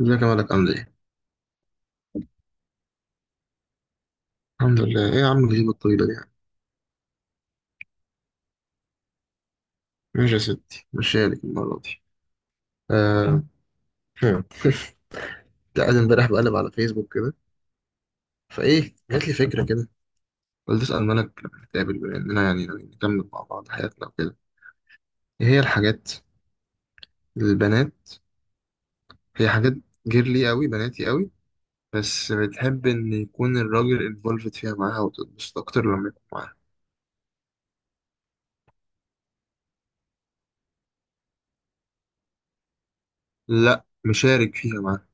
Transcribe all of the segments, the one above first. ازيك يا مالك عامل ايه؟ الحمد لله، ايه يا عم الغيبة الطويلة دي يعني. ماشي يا ستي، ماشي لك المرة دي. آه. هم. لا أنا امبارح بقلب على فيسبوك كده، فايه جات لي فكرة كده، قلت أسأل مالك لما نتقابل، بما إننا يعني نكمل مع بعض حياتنا وكده. ايه هي الحاجات البنات؟ هي حاجات جيرلي قوي، بناتي قوي، بس بتحب إن يكون الراجل انفولفد فيها معاها وتتبسط أكتر لما يكون معاها. لا، مشارك فيها معاها.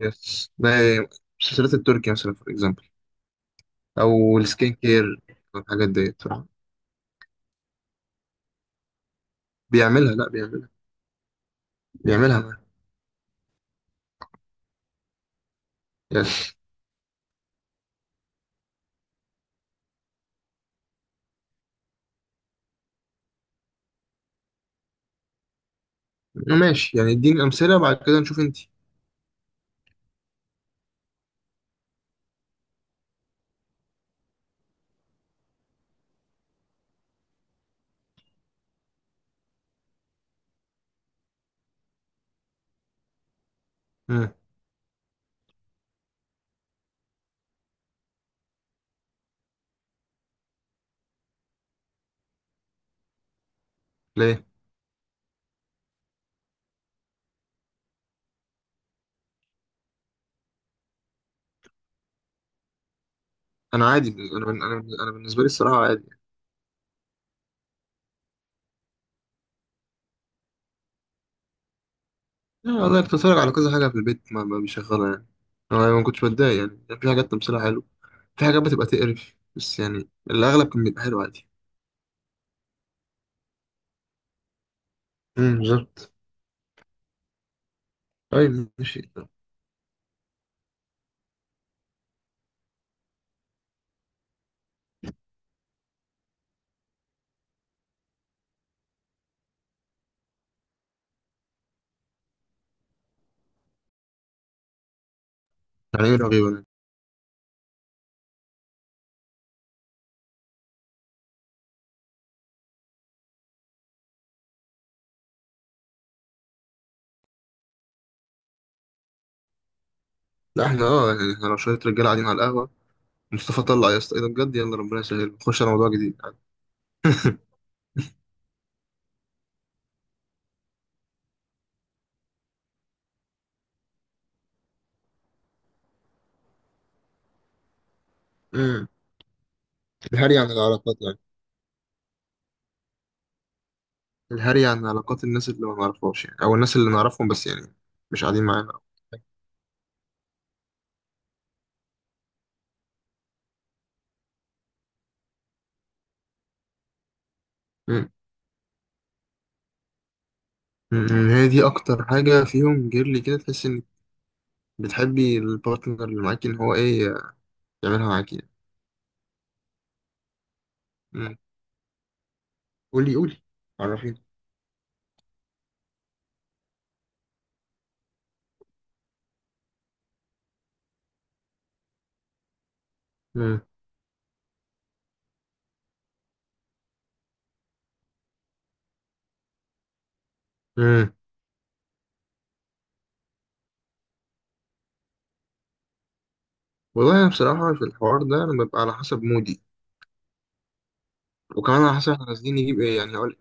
يس، ده مسلسلات التركي مثلا، فور اكزامبل. او السكين كير والحاجات ديت بصراحه. بيعملها لا بيعملها. بيعملها معاه. يعني. ماشي يعني، اديني امثله وبعد كده نشوف انت. مم. ليه؟ انا عادي، انا بالنسبه لي الصراحه عادي يعني. آه، والله كنت بتفرج على كذا حاجه في البيت ما بيشغلها يعني، انا ما كنتش بتضايق يعني، كان في حاجات تمثيلها حلو، في حاجات بتبقى تقرف، بس يعني الاغلب كان بيبقى حلو عادي. امم، بالظبط. طيب ماشي. يعني ايه رغيبه يعني؟ لا، احنا اه، يعني احنا لو شويه رجاله قاعدين على القهوه، مصطفى طلع يا اسطى ايه ده بجد، يلا ربنا يسهل نخش على موضوع جديد. عادي. امم. الهري عن العلاقات يعني، الهري عن علاقات الناس اللي ما نعرفهاش يعني، او الناس اللي نعرفهم بس يعني مش قاعدين معانا. امم. أمم، هي دي اكتر حاجه فيهم جيرلي كده، تحس انك بتحبي البارتنر اللي معاكي ان هو ايه، يعملها معاكي يعني. أمم. قولي قولي، عرفيني. امم. أمم. والله انا بصراحه في الحوار ده انا ببقى على حسب مودي، وكمان على حسب احنا نازلين نجيب ايه. يعني هقول،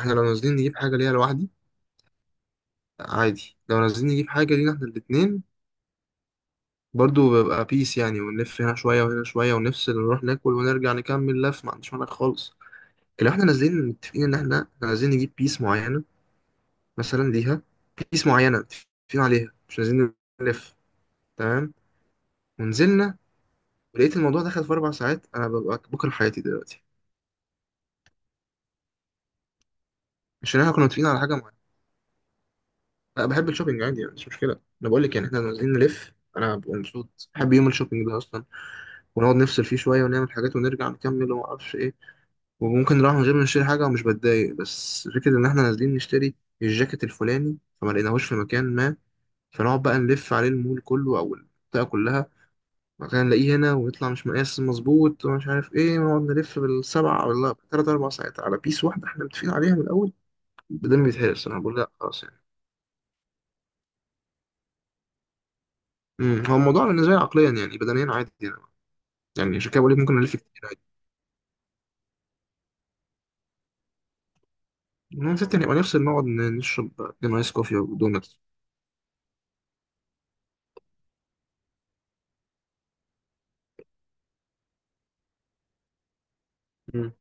احنا لو نازلين نجيب حاجه ليها لوحدي عادي، لو نازلين نجيب حاجه لينا احنا الاتنين برضو ببقى بيس يعني، ونلف هنا شوية وهنا شوية ونفصل ونروح ناكل ونرجع نكمل لف، ما عنديش مانع خالص. لو احنا نازلين متفقين ان احنا عايزين نجيب بيس معينة مثلا ليها، بيس معينة متفقين عليها، مش عايزين نلف. تمام، ونزلنا، ولقيت الموضوع دخل في أربع ساعات، أنا ببقى بكره حياتي دلوقتي، عشان احنا كنا متفقين على حاجة معينة. أنا بحب الشوبينج عادي يعني، مش مشكلة. أنا بقول لك يعني احنا نازلين نلف أنا ببقى مبسوط، بحب يوم الشوبينج ده أصلا، ونقعد نفصل فيه شوية ونعمل حاجات ونرجع نكمل ومعرفش إيه، وممكن نروح من غير ما نشتري حاجة ومش بتضايق. بس فكرة إن إحنا نازلين نشتري الجاكيت الفلاني فما لقيناهوش في مكان ما، فنقعد بقى نلف عليه المول كله أو المنطقة كلها، مثلا نلاقيه هنا ويطلع مش مقاس مظبوط ومش عارف إيه، ونقعد نلف بالسبعة ولا تلات أربع ساعات على بيس واحدة إحنا متفقين عليها من الأول، بدل بيتهرس الصراحة بقول لأ خلاص يعني. أمم، هو الموضوع بالنسبة لي عقليا يعني، بدنيا عادي يعني. يعني عشان كده بقول لك ممكن نلف كتير عادي، المهم ستة نبقى نفصل نقعد نشرب اتنين آيس كوفي ودونتس. أمم.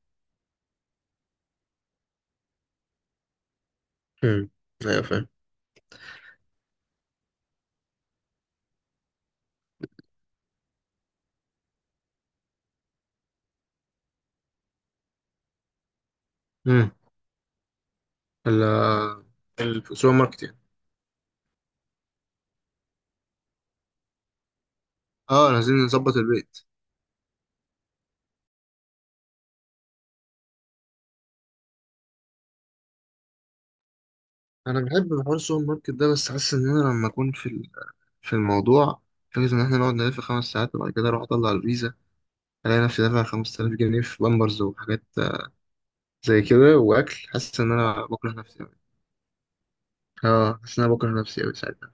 أمم. أيوة فاهم. مم. ال- السوبر ماركت يعني. اه، أنا عايزين نظبط البيت. انا بحب حوار السوبر ماركت ده، بس حاسس ان انا لما اكون في الموضوع، فكرة إن إحنا نقعد نلف خمس ساعات وبعد كده أروح أطلع الفيزا ألاقي نفسي دافع 5000 جنيه في بامبرز وحاجات زي كده وأكل، حاسس إن أنا بكره نفسي أوي. أه، حاسس إن أنا بكره نفسي أوي ساعتها،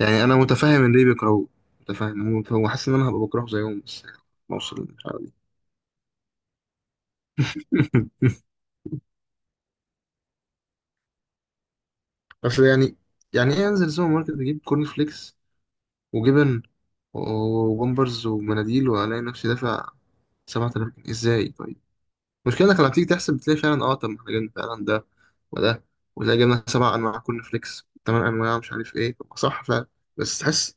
يعني أنا متفهم إن ليه بيكرهوه، متفهم، هو حاسس إن أنا هبقى بكرهه زيهم، بس يعني بوصل للمرحلة دي. بس يعني، يعني إيه أنزل سوبر ماركت أجيب كورن فليكس وجبن وبامبرز ومناديل وألاقي نفسي دافع 7000 جنيه إزاي طيب؟ المشكلة إنك لما تيجي تحسب بتلاقي فعلا، أه طب ما إحنا جبنا فعلا ده وده، وتلاقي جبنا سبع أنواع كورن فليكس تمن أنواع مش عارف إيه، طب ما صح فعلا، بس تحس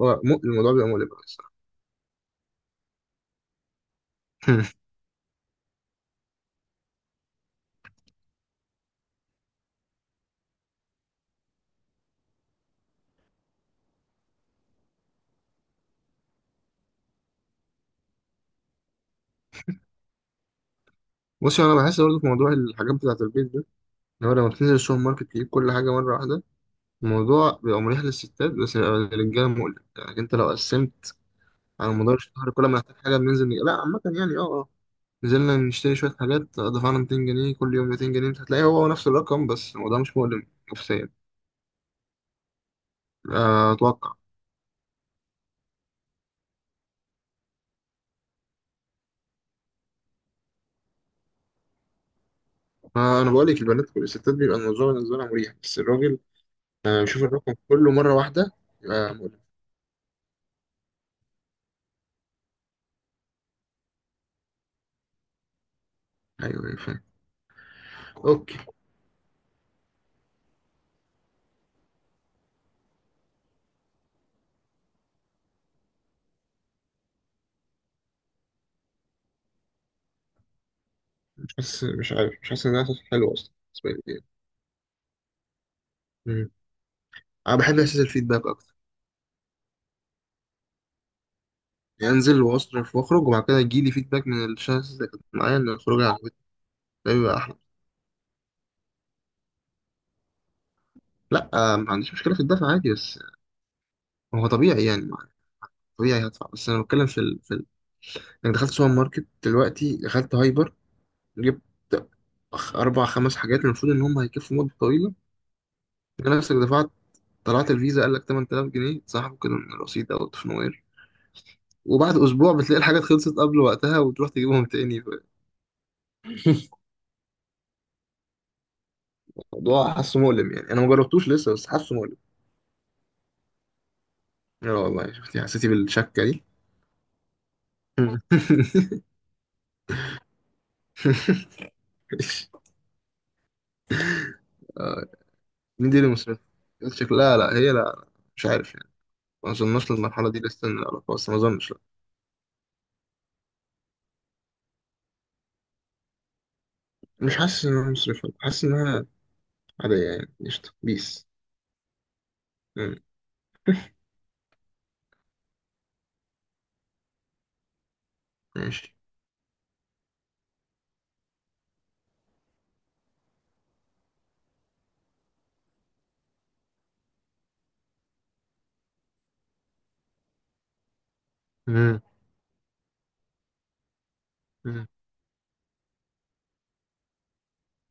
الموضوع بيبقى مؤلم أوي الصراحة. بص، أنا بحس برضه في موضوع الحاجات بتاعة البيت ده، إن هو لما بتنزل السوبر ماركت تجيب كل حاجة مرة واحدة الموضوع بيبقى مريح للستات، بس بيبقى للرجالة مؤلم. يعني أنت لو قسمت على مدار الشهر كل ما نحتاج حاجة بننزل نجيب، لا عامة يعني أه آه. نزلنا نشتري شوية حاجات دفعنا 200 جنيه، كل يوم 200 جنيه، انت هتلاقي هو نفس الرقم، بس الموضوع مش مؤلم نفسيا. آه، أتوقع. آه، أنا بقول لك البنات والستات بيبقى الموضوع بالنسبة لها مريح، بس الراجل آه، بيشوف الرقم كله مرة واحدة بيبقى مؤلم. أيوه أيوه، فاهم. أوكي. مش حاسس، مش عارف، مش حاسس إن ده إحساس حلو أصلا بالنسبة لي. مم. أنا بحب إحساس الفيدباك أكتر، يعني أنزل وأصرف وأخرج وبعد كده يجيلي فيدباك من الشخص اللي كانت معايا إن الخروج عجبتني، ده بيبقى أحلى. لا آه، ما عنديش مشكلة في الدفع عادي، بس هو طبيعي يعني، طبيعي هدفع، بس انا بتكلم انك دخلت سوبر ماركت دلوقتي، دخلت هايبر، جبت اربع خمس حاجات المفروض ان هم هيكفوا مده طويله، انت نفسك دفعت، طلعت الفيزا قال لك 8000 جنيه اتسحبوا كده من الرصيد او في نوير، وبعد اسبوع بتلاقي الحاجات خلصت قبل وقتها وتروح تجيبهم تاني، الموضوع حاسه مؤلم يعني، انا ما جربتوش لسه بس حاسه مؤلم. لا والله، شفتي حسيتي بالشكه دي؟ مين دي اللي مصرفة؟ شكلها، لا لا، هي لا، مش عارف يعني، ما اظنش للمرحله دي لسه إن العلاقه، بس ما اظنش. مش حاسس انها مصرفة، حاسس انها عادية يعني، قشطة بيس. مم. ماشي. مم. مم.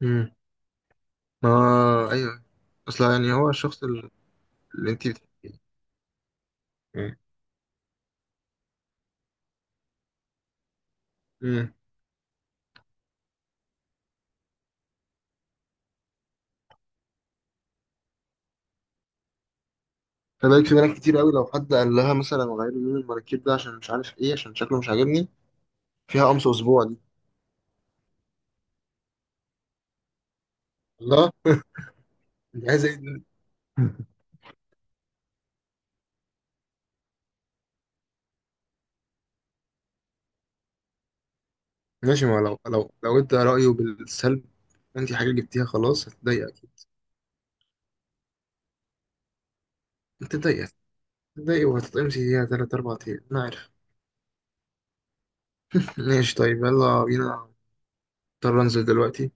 مم. ما ايوه، اصلا يعني هو الشخص اللي انت مم. مم. فبالك في بنات كتير قوي لو حد قال لها مثلا غير لي لون المراكيب ده عشان مش عارف ايه، عشان شكله مش عاجبني، فيها قمص اسبوع دي. الله، انت عايز ايه دي؟ ماشي، ما لو لو انت رأيه بالسلب، انت حاجة جبتيها خلاص هتضايق اكيد. هتضايق، هتضايق وهتتقمصي فيها تلات أربع أيام، أنا عارف. ماشي طيب، يلا بينا، اضطر انزل دلوقتي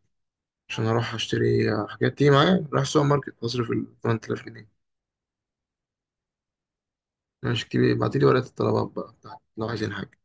عشان اروح اشتري حاجات، تيجي معايا رايح السوبر ماركت اصرف ال 8000 جنيه؟ ماشي كتير، بعتيلي ورقة الطلبات بقى بتاعتك لو عايزين حاجة.